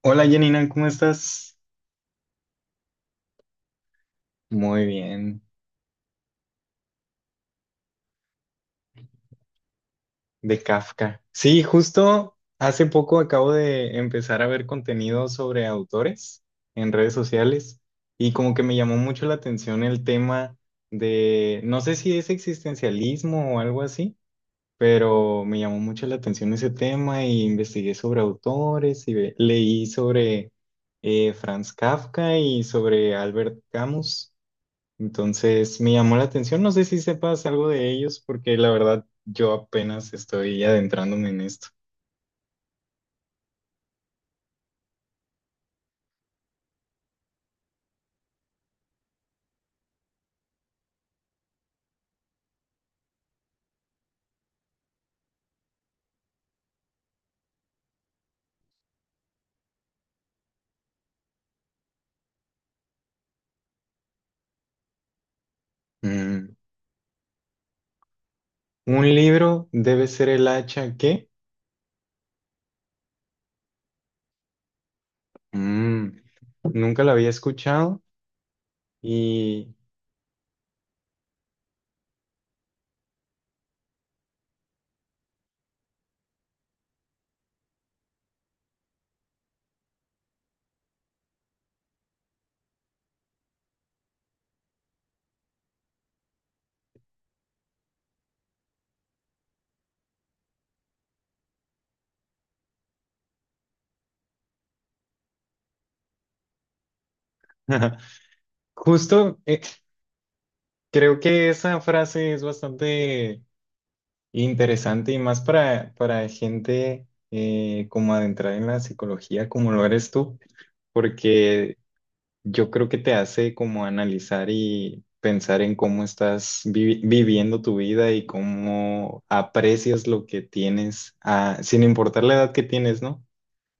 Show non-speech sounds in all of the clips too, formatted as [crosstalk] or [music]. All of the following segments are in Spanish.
Hola Janina, ¿cómo estás? Muy bien, de Kafka. Sí, justo hace poco acabo de empezar a ver contenido sobre autores en redes sociales y como que me llamó mucho la atención el tema de, no sé si es existencialismo o algo así, pero me llamó mucho la atención ese tema y investigué sobre autores y leí sobre Franz Kafka y sobre Albert Camus. Entonces me llamó la atención, no sé si sepas algo de ellos, porque la verdad yo apenas estoy adentrándome en esto. Mm, Un libro debe ser el hacha que Mm, nunca la había escuchado y [laughs] justo creo que esa frase es bastante interesante y más para gente como adentrada en la psicología como lo eres tú, porque yo creo que te hace como analizar y pensar en cómo estás viviendo tu vida y cómo aprecias lo que tienes, ah, sin importar la edad que tienes, ¿no?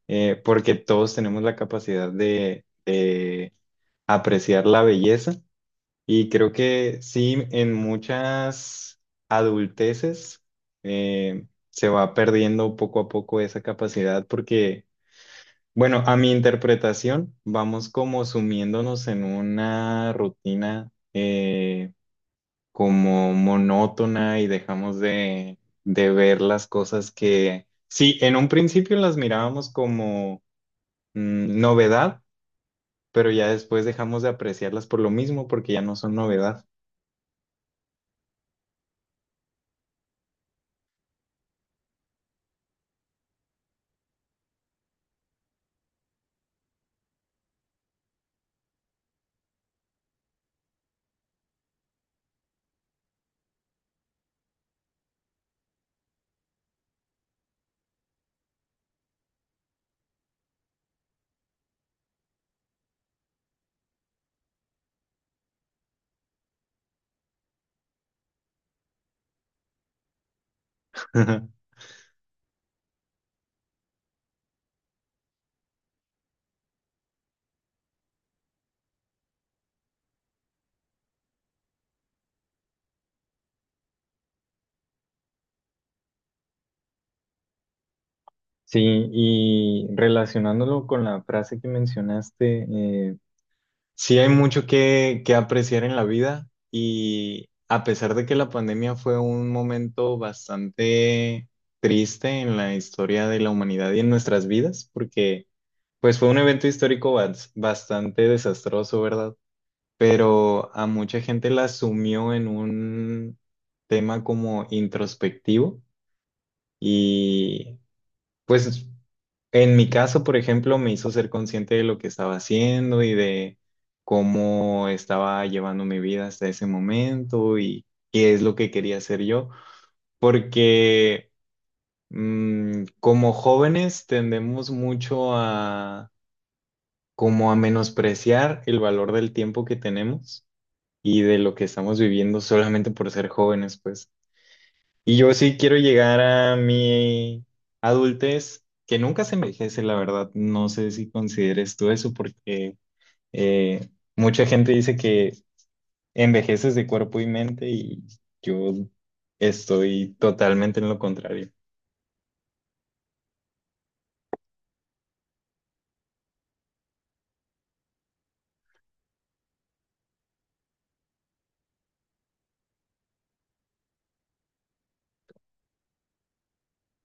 Porque todos tenemos la capacidad de apreciar la belleza y creo que sí, en muchas adulteces se va perdiendo poco a poco esa capacidad porque bueno, a mi interpretación, vamos como sumiéndonos en una rutina como monótona y dejamos de ver las cosas que, sí, en un principio las mirábamos como novedad, pero ya después dejamos de apreciarlas por lo mismo porque ya no son novedad. [laughs] Sí, y relacionándolo con la frase que mencionaste, sí, hay mucho que apreciar en la vida y a pesar de que la pandemia fue un momento bastante triste en la historia de la humanidad y en nuestras vidas, porque pues fue un evento histórico bastante desastroso, ¿verdad? Pero a mucha gente la asumió en un tema como introspectivo y pues en mi caso, por ejemplo, me hizo ser consciente de lo que estaba haciendo y de cómo estaba llevando mi vida hasta ese momento y qué es lo que quería hacer yo, porque como jóvenes tendemos mucho a como a menospreciar el valor del tiempo que tenemos y de lo que estamos viviendo solamente por ser jóvenes, pues. Y yo sí quiero llegar a mi adultez, que nunca se envejece, la verdad. No sé si consideres tú eso, porque eh, mucha gente dice que envejeces de cuerpo y mente, y yo estoy totalmente en lo contrario.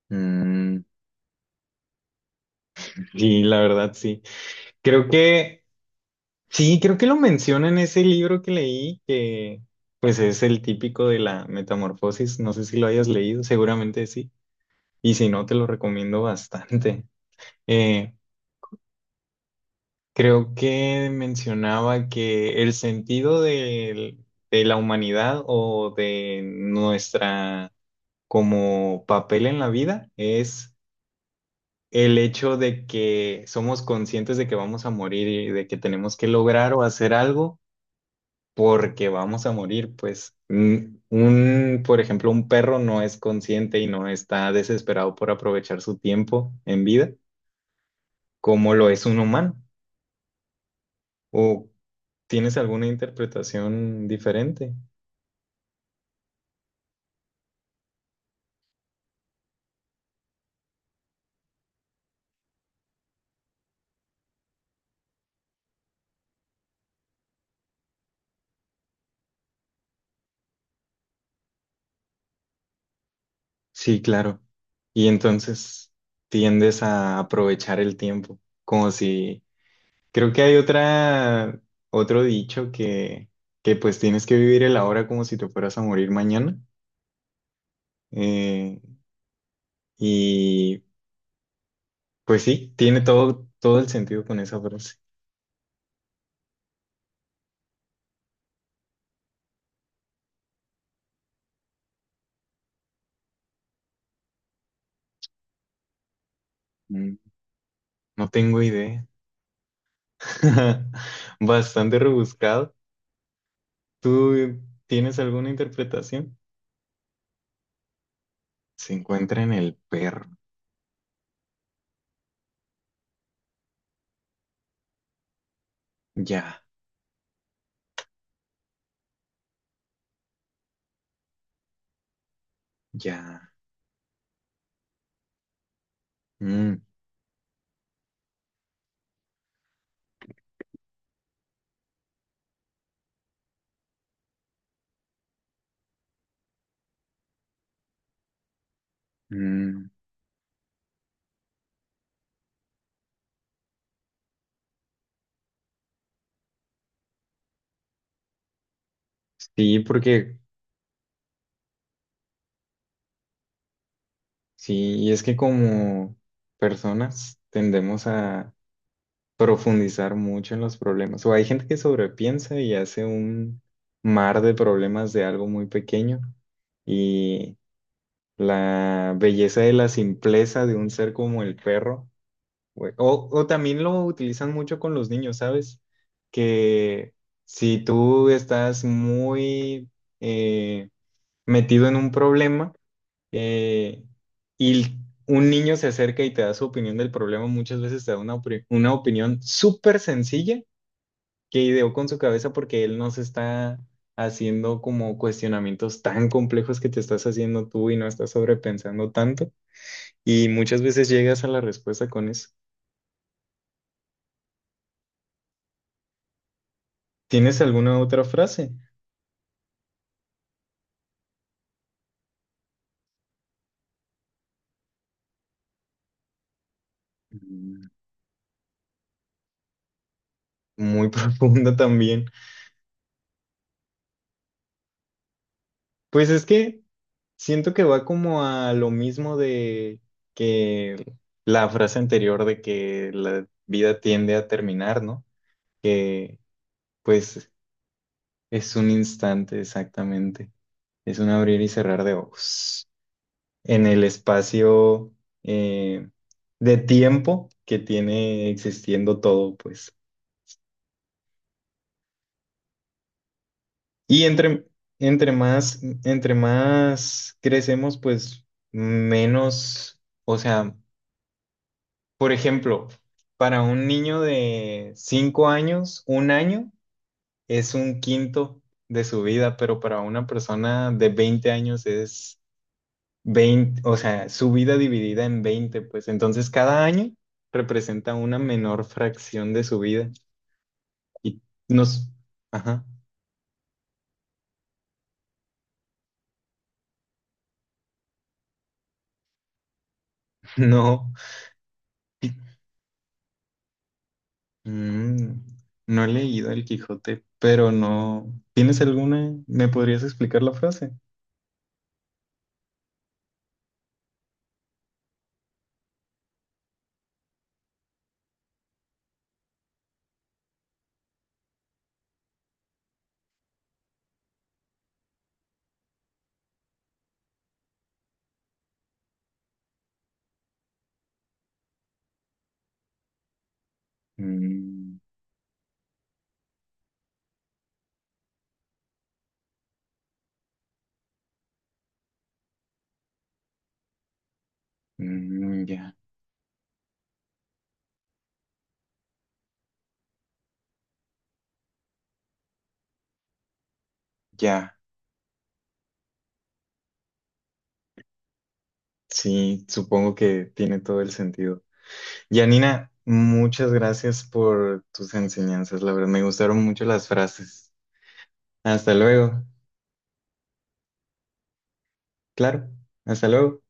Mm, sí, la verdad, sí. Creo que, sí, creo que lo menciona en ese libro que leí, que pues es el típico de la metamorfosis. No sé si lo hayas leído, seguramente sí. Y si no, te lo recomiendo bastante. Eh, creo que mencionaba que el sentido de la humanidad o de nuestra como papel en la vida es el hecho de que somos conscientes de que vamos a morir y de que tenemos que lograr o hacer algo porque vamos a morir. Pues mm, un, por ejemplo, un perro no es consciente y no está desesperado por aprovechar su tiempo en vida como lo es un humano. O ¿tienes alguna interpretación diferente? Sí, claro. Y entonces tiendes a aprovechar el tiempo, como si... Creo que hay otra, otro dicho que pues tienes que vivir el ahora como si te fueras a morir mañana. Eh, y pues sí, tiene todo, todo el sentido con esa frase. Mm, no tengo idea. [laughs] Bastante rebuscado. ¿Tú tienes alguna interpretación? Se encuentra en el perro. Ya, ya. Mm, mm. Sí, porque sí, y es que como personas tendemos a profundizar mucho en los problemas. O hay gente que sobrepiensa y hace un mar de problemas de algo muy pequeño. Y la belleza de la simpleza de un ser como el perro. O también lo utilizan mucho con los niños, ¿sabes? Que si tú estás muy... eh, metido en un problema eh, y un niño se acerca y te da su opinión del problema, muchas veces te da una, una opinión súper sencilla que ideó con su cabeza porque él no se está haciendo como cuestionamientos tan complejos que te estás haciendo tú y no estás sobrepensando tanto. Y muchas veces llegas a la respuesta con eso. ¿Tienes alguna otra frase? Mm, muy [laughs] profunda también. Pues es que... Siento que va como a lo mismo de que la frase anterior de que la vida tiende a terminar, ¿no? Que pues es un instante exactamente, es un abrir y cerrar de ojos en el espacio eh, de tiempo que tiene existiendo todo, pues. Y entre, entre más crecemos, pues menos, o sea, por ejemplo, para un niño de 5 años, un año es un quinto de su vida, pero para una persona de 20 años es 20, o sea, su vida dividida en 20, pues entonces cada año representa una menor fracción de su vida. Y nos... Ajá, [laughs] no. Mm, no he leído El Quijote, pero no. ¿Tienes alguna? ¿Me podrías explicar la frase? Mm, mm, ya, ya. Sí, supongo que tiene todo el sentido. Yanina, muchas gracias por tus enseñanzas, la verdad, me gustaron mucho las frases. Hasta luego. Claro, hasta luego.